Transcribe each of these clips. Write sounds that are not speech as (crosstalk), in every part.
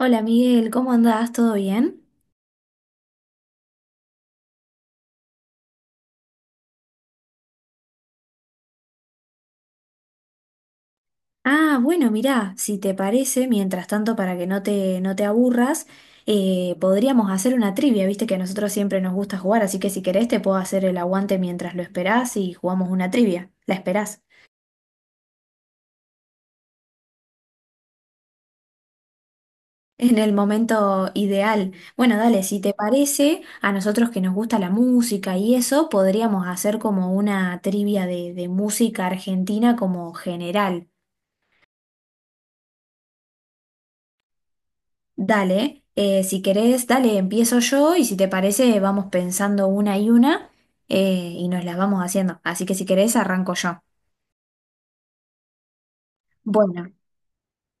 Hola Miguel, ¿cómo andás? ¿Todo bien? Ah, bueno, mirá, si te parece, mientras tanto, para que no te aburras, podríamos hacer una trivia, viste que a nosotros siempre nos gusta jugar, así que si querés te puedo hacer el aguante mientras lo esperás y jugamos una trivia, la esperás, (laughs) en el momento ideal. Bueno, dale, si te parece, a nosotros que nos gusta la música y eso, podríamos hacer como una trivia de música argentina como general. Dale, si querés, dale, empiezo yo y si te parece, vamos pensando una y nos las vamos haciendo. Así que si querés, arranco yo. Bueno,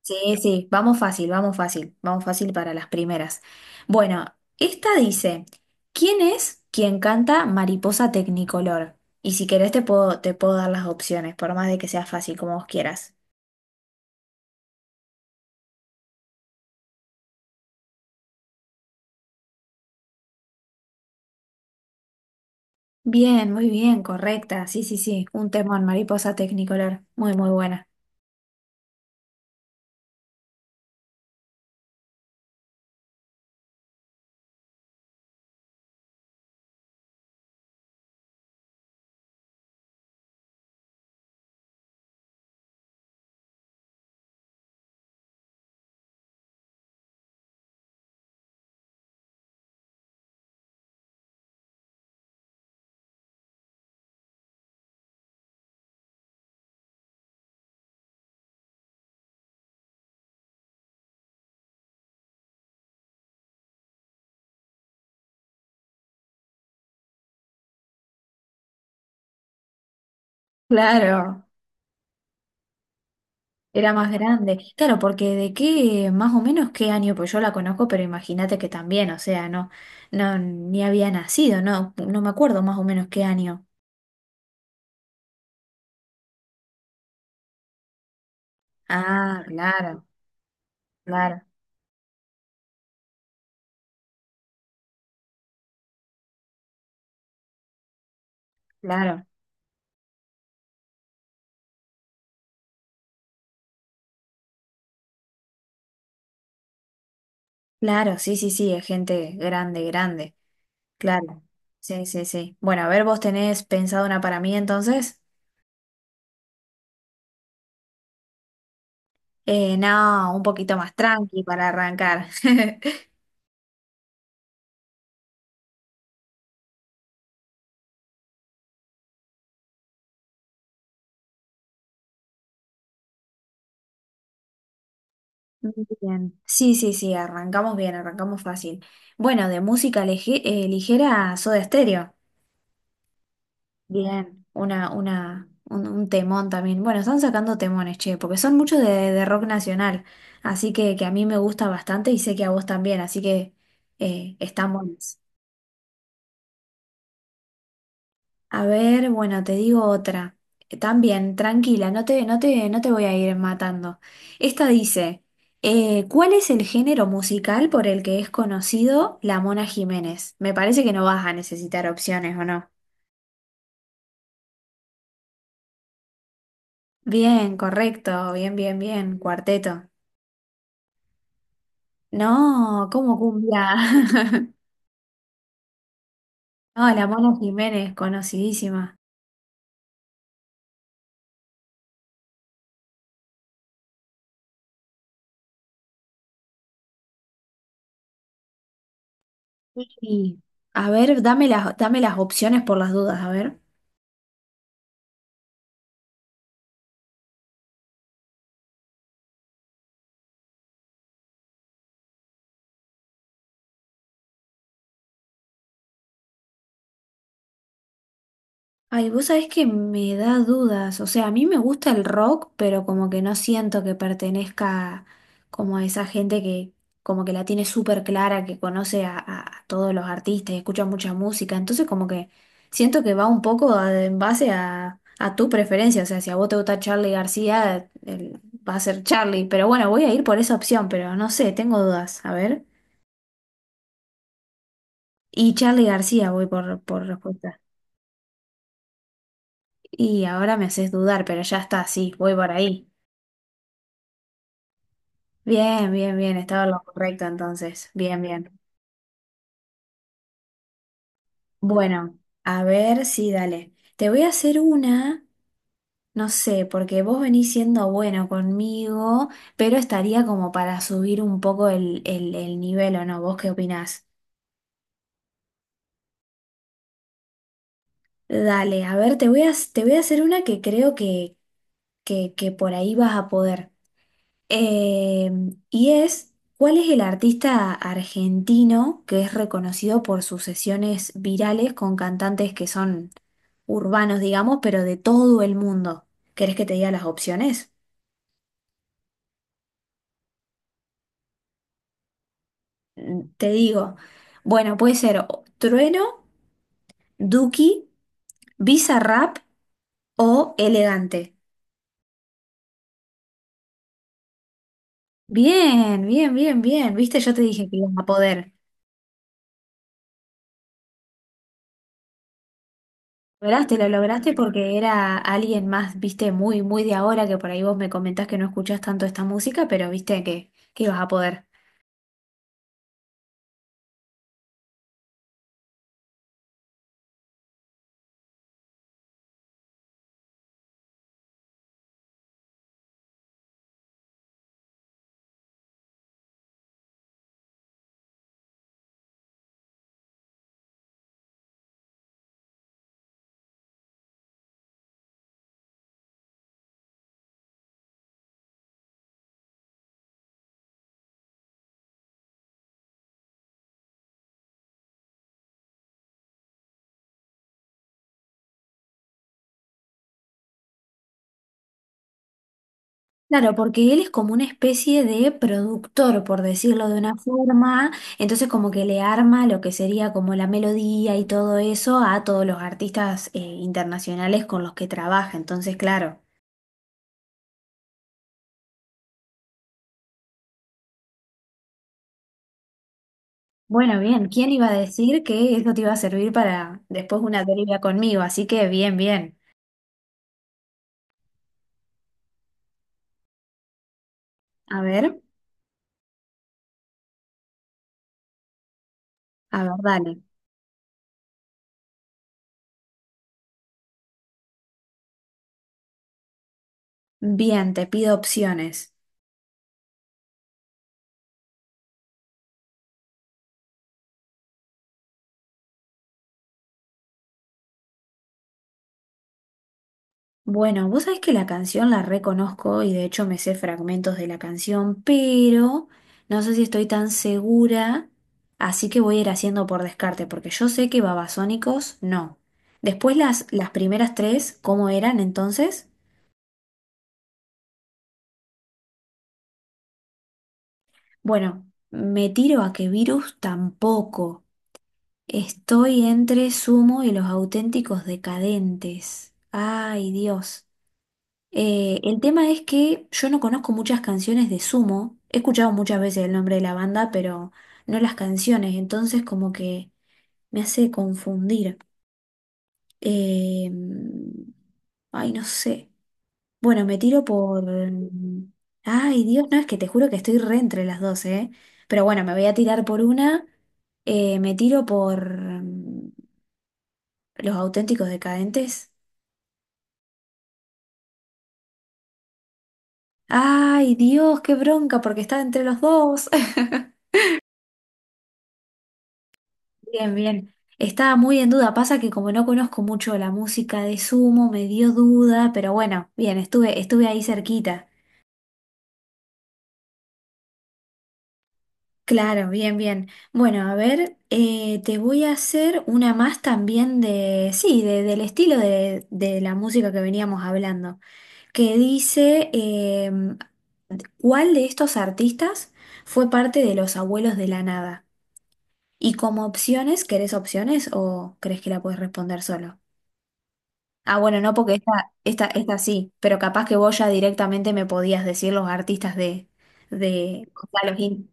sí, sí, vamos fácil, vamos fácil, vamos fácil para las primeras. Bueno, esta dice, ¿quién es quien canta Mariposa Tecnicolor? Y si querés, te puedo dar las opciones, por más de que sea fácil, como vos quieras. Bien, muy bien, correcta, sí, sí, sí, un temón, Mariposa Tecnicolor, muy, muy buena. Claro. Era más grande. Claro, porque de qué, más o menos qué año, pues yo la conozco, pero imagínate que también, o sea, no, no, ni había nacido, no, no me acuerdo más o menos qué año. Ah, claro, claro, claro, claro, sí, sí, sí, es gente grande, grande, claro. Sí, sí, sí. Bueno, a ver, vos tenés pensado una para mí entonces. No, un poquito más tranqui para arrancar. (laughs) Bien. Sí, sí, sí, arrancamos bien, arrancamos fácil. Bueno, de música ligera, Soda Stereo. Bien. Un temón también. Bueno, están sacando temones, che, porque son muchos de rock nacional. Así que a mí me gusta bastante y sé que a vos también, así que están buenos. A ver, bueno, te digo otra. También, tranquila, no te voy a ir matando. Esta dice, ¿cuál es el género musical por el que es conocido la Mona Jiménez? Me parece que no vas a necesitar opciones, ¿o no? Bien, correcto, bien, bien, bien, cuarteto. No, ¿cómo cumbia? (laughs) No, la Mona Jiménez, conocidísima. Sí. A ver, dame las opciones por las dudas, a ver. Ay, vos sabés que me da dudas. O sea, a mí me gusta el rock, pero como que no siento que pertenezca como a esa gente que como que la tiene súper clara, que conoce a todos los artistas y escucha mucha música. Entonces como que siento que va un poco en base a tu preferencia. O sea, si a vos te gusta Charlie García, va a ser Charlie. Pero bueno, voy a ir por esa opción, pero no sé, tengo dudas. A ver. Y Charlie García voy por respuesta. Y ahora me haces dudar, pero ya está, sí, voy por ahí. Bien, bien, bien, estaba lo correcto entonces. Bien, bien. Bueno, a ver si dale. Te voy a hacer una, no sé, porque vos venís siendo bueno conmigo, pero estaría como para subir un poco el nivel, ¿o no? ¿Vos qué opinás? Dale, a ver, te voy a hacer una que creo que por ahí vas a poder. Eh, y es, ¿cuál es el artista argentino que es reconocido por sus sesiones virales con cantantes que son urbanos, digamos, pero de todo el mundo? ¿Querés que te diga las opciones? Mm, te digo, bueno, puede ser Trueno, Duki, Bizarrap o Elegante. Bien, bien, bien, bien. Viste, yo te dije que ibas a poder. Lograste, lo lograste porque era alguien más, viste, muy, muy de ahora, que por ahí vos me comentás que no escuchás tanto esta música, pero viste que ibas a poder. Claro, porque él es como una especie de productor, por decirlo de una forma, entonces como que le arma lo que sería como la melodía y todo eso a todos los artistas internacionales con los que trabaja, entonces claro. Bueno, bien, ¿quién iba a decir que eso te iba a servir para después una deriva conmigo? Así que bien, bien. A ver, a ver, dale. Bien, te pido opciones. Bueno, vos sabés que la canción la reconozco y de hecho me sé fragmentos de la canción, pero no sé si estoy tan segura, así que voy a ir haciendo por descarte, porque yo sé que Babasónicos no. Después las primeras tres, ¿cómo eran entonces? Bueno, me tiro a que Virus tampoco. Estoy entre Sumo y los auténticos decadentes. Ay, Dios. El tema es que yo no conozco muchas canciones de Sumo. He escuchado muchas veces el nombre de la banda, pero no las canciones. Entonces como que me hace confundir. Eh, ay, no sé. Bueno, me tiro por... Ay, Dios, no, es que te juro que estoy re entre las dos, ¿eh? Pero bueno, me voy a tirar por una. Me tiro por... mm, Los auténticos decadentes. Ay, Dios, qué bronca, porque está entre los dos. (laughs) Bien, bien. Estaba muy en duda. Pasa que como no conozco mucho la música de Sumo, me dio duda, pero bueno, bien, estuve ahí cerquita. Claro, bien, bien. Bueno, a ver, te voy a hacer una más también de, sí, del estilo de la música que veníamos hablando, que dice, ¿cuál de estos artistas fue parte de Los Abuelos de la Nada? Y como opciones, ¿querés opciones o crees que la puedes responder solo? Ah, bueno, no, porque esta sí, pero capaz que vos ya directamente me podías decir los artistas de Gonzalo Gil.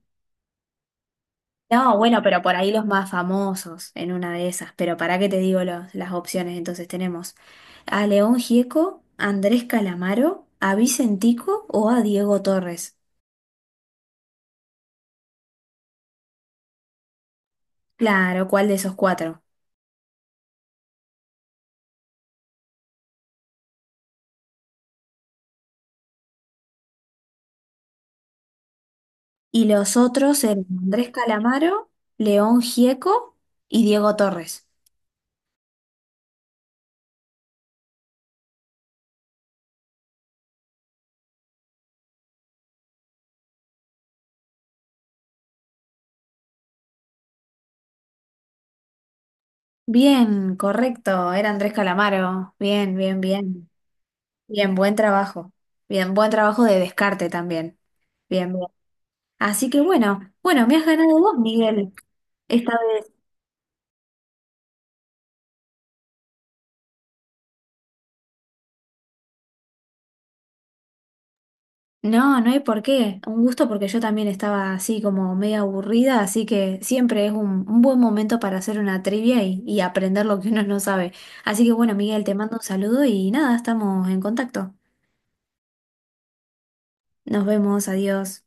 No, bueno, pero por ahí los más famosos en una de esas, pero para qué te digo las opciones, entonces tenemos a León Gieco, a Andrés Calamaro, a Vicentico o a Diego Torres. Claro, ¿cuál de esos cuatro? Y los otros eran Andrés Calamaro, León Gieco y Diego Torres. Bien, correcto, era Andrés Calamaro. Bien, bien, bien. Bien, buen trabajo. Bien, buen trabajo de descarte también. Bien, bien. Así que bueno, bueno, me has ganado vos, Miguel, esta vez. No, no hay por qué. Un gusto porque yo también estaba así como media aburrida, así que siempre es un buen momento para hacer una trivia y aprender lo que uno no sabe. Así que bueno, Miguel, te mando un saludo y nada, estamos en contacto. Nos vemos, adiós.